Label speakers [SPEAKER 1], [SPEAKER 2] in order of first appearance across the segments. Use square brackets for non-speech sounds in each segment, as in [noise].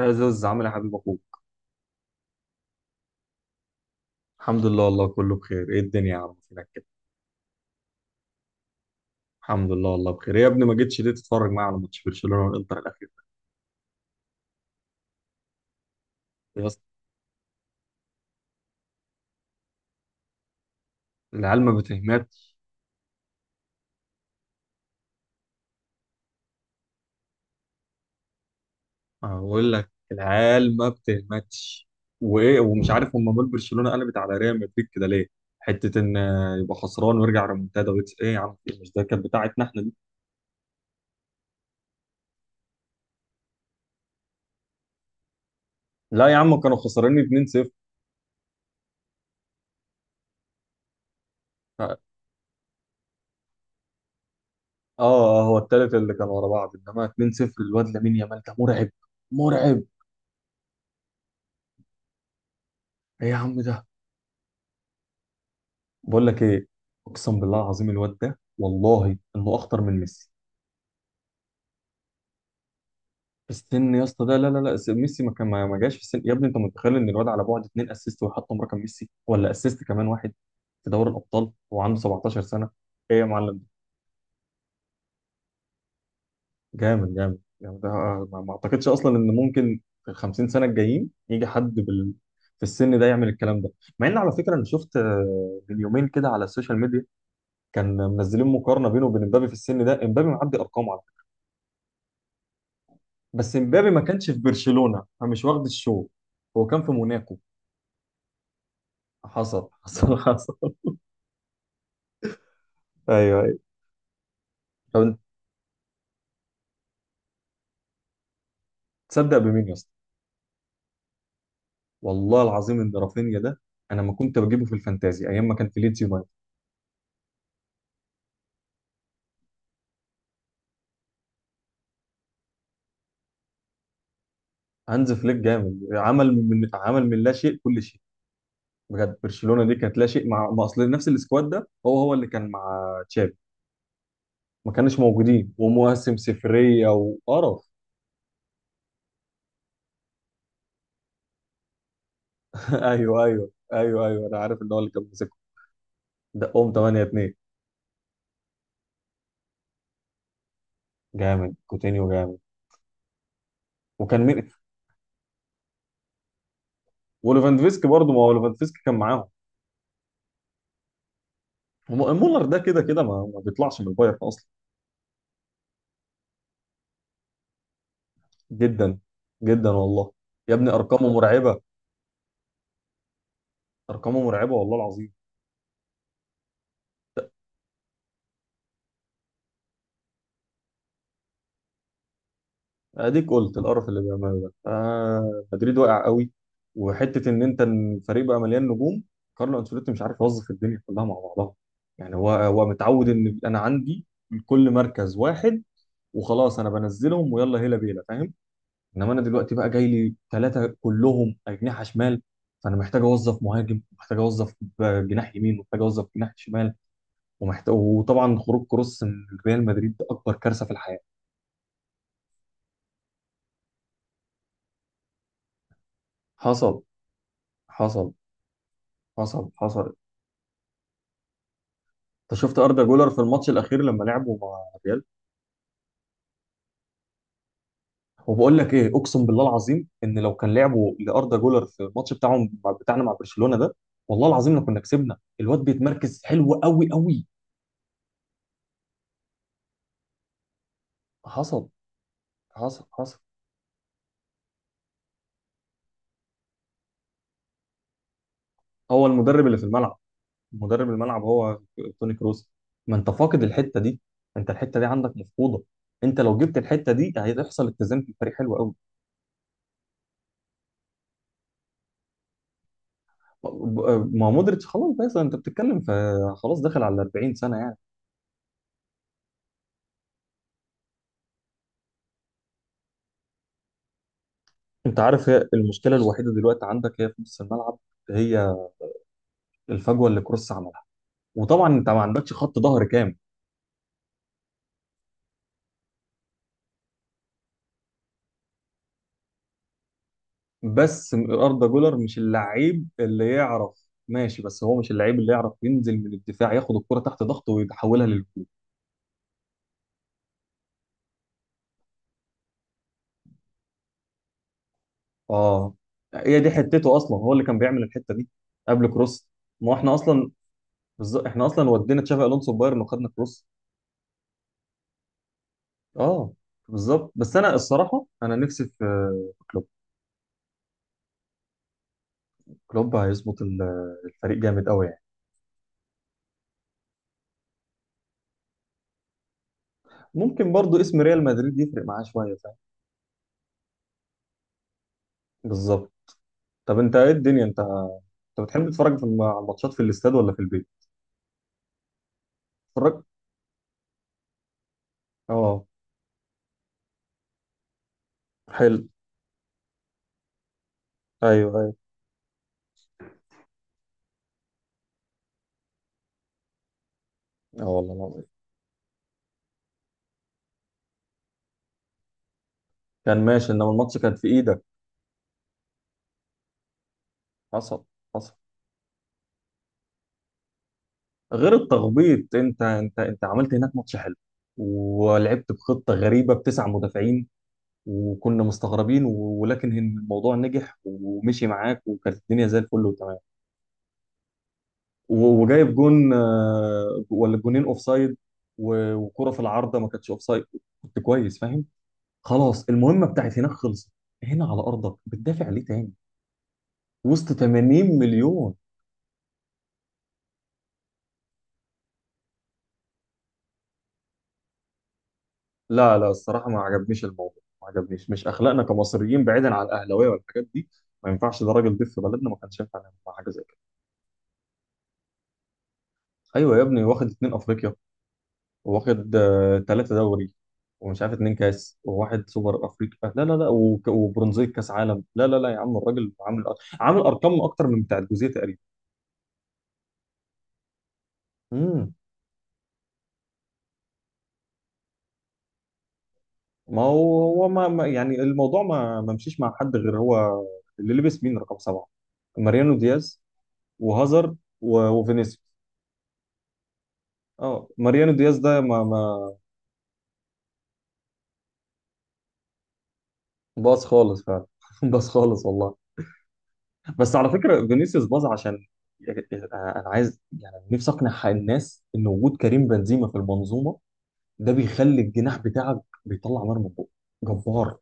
[SPEAKER 1] يا زوز عامل إيه يا حبيب اخوك. الحمد لله والله كله بخير. ايه الدنيا يا عم؟ فينك كده؟ الحمد لله والله بخير. إيه يا ابني ما جيتش ليه تتفرج معايا على ماتش برشلونه والانتر الاخير؟ يا اسطى العيال ما بتهمتش. أنا بقول لك العيال ما بتهمتش. وايه، ومش عارف هم مال برشلونه قلبت على ريال مدريد كده ليه. حته ان يبقى خسران ويرجع ريمونتادا ويكس، ايه يا عم، في إيه؟ مش ده كانت بتاعتنا احنا دي. لا يا عم كانوا خسرانين 2-0. ف- اه اه هو التالت اللي كان ورا بعض انما 2-0. الواد لامين يامال ده مرعب، مرعب. ايه يا عم ده، بقول لك ايه، اقسم بالله العظيم الواد ده والله انه اخطر من ميسي. في السن يا اسطى ده لا لا لا، ميسي ما كان ما جاش. في السن يا ابني، انت متخيل ان الواد على بعد 2 اسيست ويحطم رقم ميسي؟ ولا اسيست كمان واحد في دوري الابطال وعنده 17 سنه. ايه يا معلم، جامد جامد يعني، ده ما اعتقدش اصلا ان ممكن في ال 50 سنه الجايين يجي حد في السن ده يعمل الكلام ده. مع ان على فكره انا شفت من يومين كده على السوشيال ميديا كان منزلين مقارنه بينه وبين امبابي في السن ده، امبابي معدي ارقامه. بس امبابي ما كانش في برشلونة فمش واخد الشو، هو كان في موناكو. حصل [laughs] حصل حصل. ايوه ايوه. طب انت تصدق بمين يا اسطى؟ والله العظيم ان رافينيا ده انا ما كنت بجيبه في الفانتازي ايام ما كان في ليدز يونايتد. هانز فليك جامد، عمل من، عمل من لا شيء كل شيء. بجد برشلونة دي كانت لا شيء، مع ما اصل نفس السكواد ده هو هو اللي كان مع تشافي ما كانش موجودين، ومواسم صفريه وقرف. [laughs] ايوه ايوه ايوه ايوه، انا عارف ان هو اللي كان ماسكه. دقهم 8 2. جامد كوتينيو جامد. وكان مين؟ وليفاندوفسكي برضه، ما هو ليفاندوفسكي كان معاهم. مولر ده كده كده ما بيطلعش من البايرن اصلا. جدا، جدا والله. يا ابني ارقامه مرعبه. ارقامه مرعبه والله العظيم. اديك قلت القرف اللي بيعمله ده، آه مدريد واقع قوي. وحته ان انت الفريق بقى مليان نجوم، كارلو انشيلوتي مش عارف يوظف الدنيا كلها مع بعضها. يعني هو هو متعود ان انا عندي لكل مركز واحد وخلاص، انا بنزلهم ويلا هيلا بيلا فاهم. انما انا دلوقتي بقى جاي لي 3 كلهم اجنحه شمال، فانا محتاج اوظف مهاجم، محتاج اوظف جناح يمين، ومحتاج اوظف جناح شمال، ومحتاج، وطبعا خروج كروس من ريال مدريد ده اكبر كارثه في الحياه. حصل حصل حصل حصل. انت شفت اردا جولر في الماتش الاخير لما لعبوا مع الريال؟ وبقول لك ايه، اقسم بالله العظيم ان لو كان لعبوا لاردا جولر في الماتش بتاعهم بتاعنا مع برشلونه ده، والله العظيم لو كنا كسبنا، الواد بيتمركز حلو قوي قوي. حصل حصل حصل. هو المدرب اللي في الملعب، مدرب الملعب هو توني كروس. ما انت فاقد الحته دي، انت الحته دي عندك مفقوده. انت لو جبت الحته دي هيحصل اتزان في الفريق حلو قوي. ما مودريتش خلاص، بس انت بتتكلم في، خلاص داخل على 40 سنه يعني. انت عارف، هي المشكله الوحيده دلوقتي عندك هي في نص الملعب، هي الفجوه اللي كروس عملها. وطبعا انت ما عندكش خط ظهر كامل. بس اردا جولر مش اللعيب اللي يعرف ماشي، بس هو مش اللعيب اللي يعرف ينزل من الدفاع ياخد الكرة تحت ضغطه ويحولها. اه، هي دي حتته اصلا، هو اللي كان بيعمل الحته دي قبل كروس. ما هو احنا اصلا. بالظبط، احنا اصلا ودينا تشافي الونسو بايرن وخدنا كروس. اه. بالظبط. بس انا الصراحه انا نفسي في، في كلوب. كلوب هيظبط الفريق جامد قوي يعني. ممكن برضو اسم ريال مدريد يفرق معاه شويه فاهم. بالظبط. طب انت ايه الدنيا، انت انت بتحب تتفرج في على الماتشات في الاستاد ولا في البيت؟ اتفرج. اه. حلو. ايوه ايوه. اه والله العظيم. كان ماشي، انما الماتش كان في ايدك. حصل حصل. غير التخبيط انت انت انت عملت هناك ماتش حلو، ولعبت بخطه غريبه بتسع مدافعين وكنا مستغربين ولكن الموضوع نجح ومشي معاك وكانت الدنيا زي الفل وتمام. وجايب جون ولا جونين اوف سايد، وكره في العارضه ما كانتش اوف سايد. كنت كويس فاهم، خلاص المهمه بتاعت هناك خلصت. هنا على ارضك بتدافع ليه تاني وسط 80 مليون؟ لا لا، الصراحة ما عجبنيش الموضوع، ما عجبنيش. مش أخلاقنا كمصريين، بعيدا عن الأهلاوية والحاجات دي ما ينفعش. ده راجل ضيف في بلدنا، ما كانش ينفع نعمل معاه حاجة زي كده. أيوة يا ابني، واخد 2 أفريقيا، واخد آه 3 دوري ومش عارف 2 كاس وواحد سوبر أفريقيا، لا لا لا، وبرونزية كاس عالم، لا لا لا يا عم، الراجل عامل، عامل أرقام أكتر من بتاع الجوزية تقريبا. امم ما هو هو يعني الموضوع ما مشيش مع حد غير هو. اللي لبس مين رقم سبعة؟ ماريانو دياز وهازارد وفينيسيوس. اه ماريانو دياز ده ما ما. باظ خالص فعلا [laughs] باظ خالص والله. بس على فكره فينيسيوس باظ عشان، انا عايز يعني نفسي اقنع الناس ان وجود كريم بنزيما في المنظومه ده بيخلي الجناح بتاعك بيطلع نار من بقه. جبار.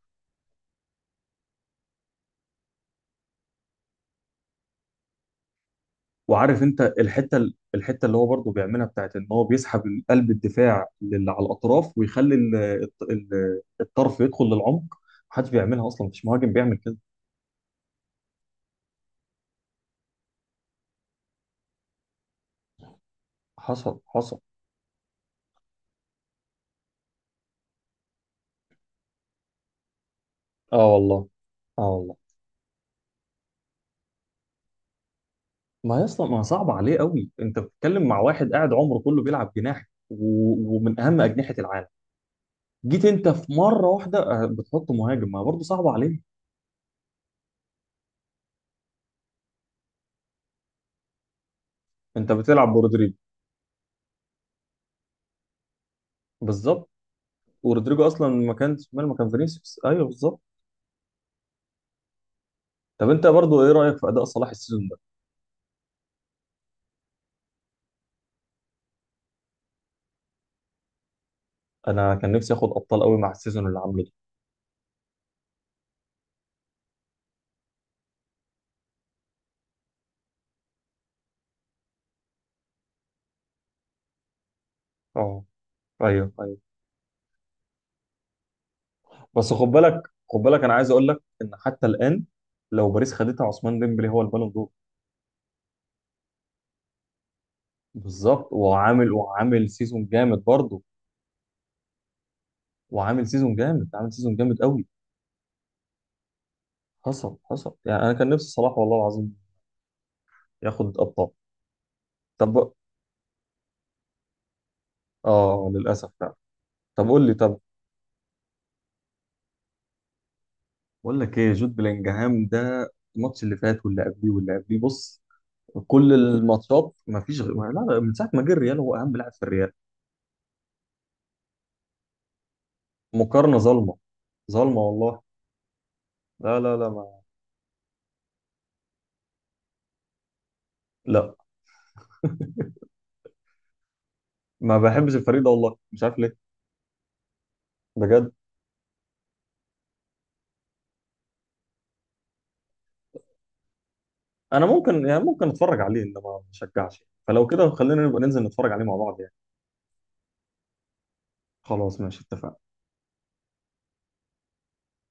[SPEAKER 1] وعارف انت الحته الحته اللي هو برضه بيعملها بتاعت ان هو بيسحب قلب الدفاع للي على الاطراف ويخلي الطرف يدخل للعمق. محدش بيعملها اصلا، مفيش مهاجم بيعمل كده. حصل حصل. اه والله. اه والله. ما هي اصلا، ما صعب عليه قوي. انت بتتكلم مع واحد قاعد عمره كله بيلعب جناح، و... ومن اهم اجنحه العالم، جيت انت في مره واحده بتحط مهاجم، ما برضه صعب عليه. انت بتلعب برودريجو. بالظبط. ورودريجو اصلا ما كان شمال، ما كان فينيسيوس، ايوه بالظبط. طب انت برضه ايه رايك في اداء صلاح السيزون ده؟ انا كان نفسي اخد ابطال قوي مع السيزون اللي عامله ده. اه. ايوه ايوه. بس خد بالك، خد بالك، انا عايز اقول لك ان حتى الان لو باريس خدتها، عثمان ديمبلي هو البالون دور. بالظبط. وعامل، وعامل سيزون جامد برضه. وعامل سيزون جامد، عامل سيزون جامد قوي. حصل حصل. يعني انا كان نفسي صلاح والله العظيم ياخد ابطال. طب. اه للاسف فعلا. طب قول لي. طب، بقول لك ايه، جود بلينجهام ده الماتش اللي فات واللي قبليه واللي قبليه، بص، كل الماتشات، ما فيش غير، لا لا، من ساعه ما جه الريال هو اهم لاعب في الريال. مقارنه ظالمه، ظالمه والله. لا لا لا. ما لا، ما بحبش الفريق ده والله، مش عارف ليه، بجد. انا ممكن يعني ممكن اتفرج عليه انما ما اشجعش. فلو كده، خلينا نبقى ننزل نتفرج عليه مع بعض يعني. خلاص ماشي، اتفقنا.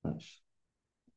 [SPEAKER 1] ماشي.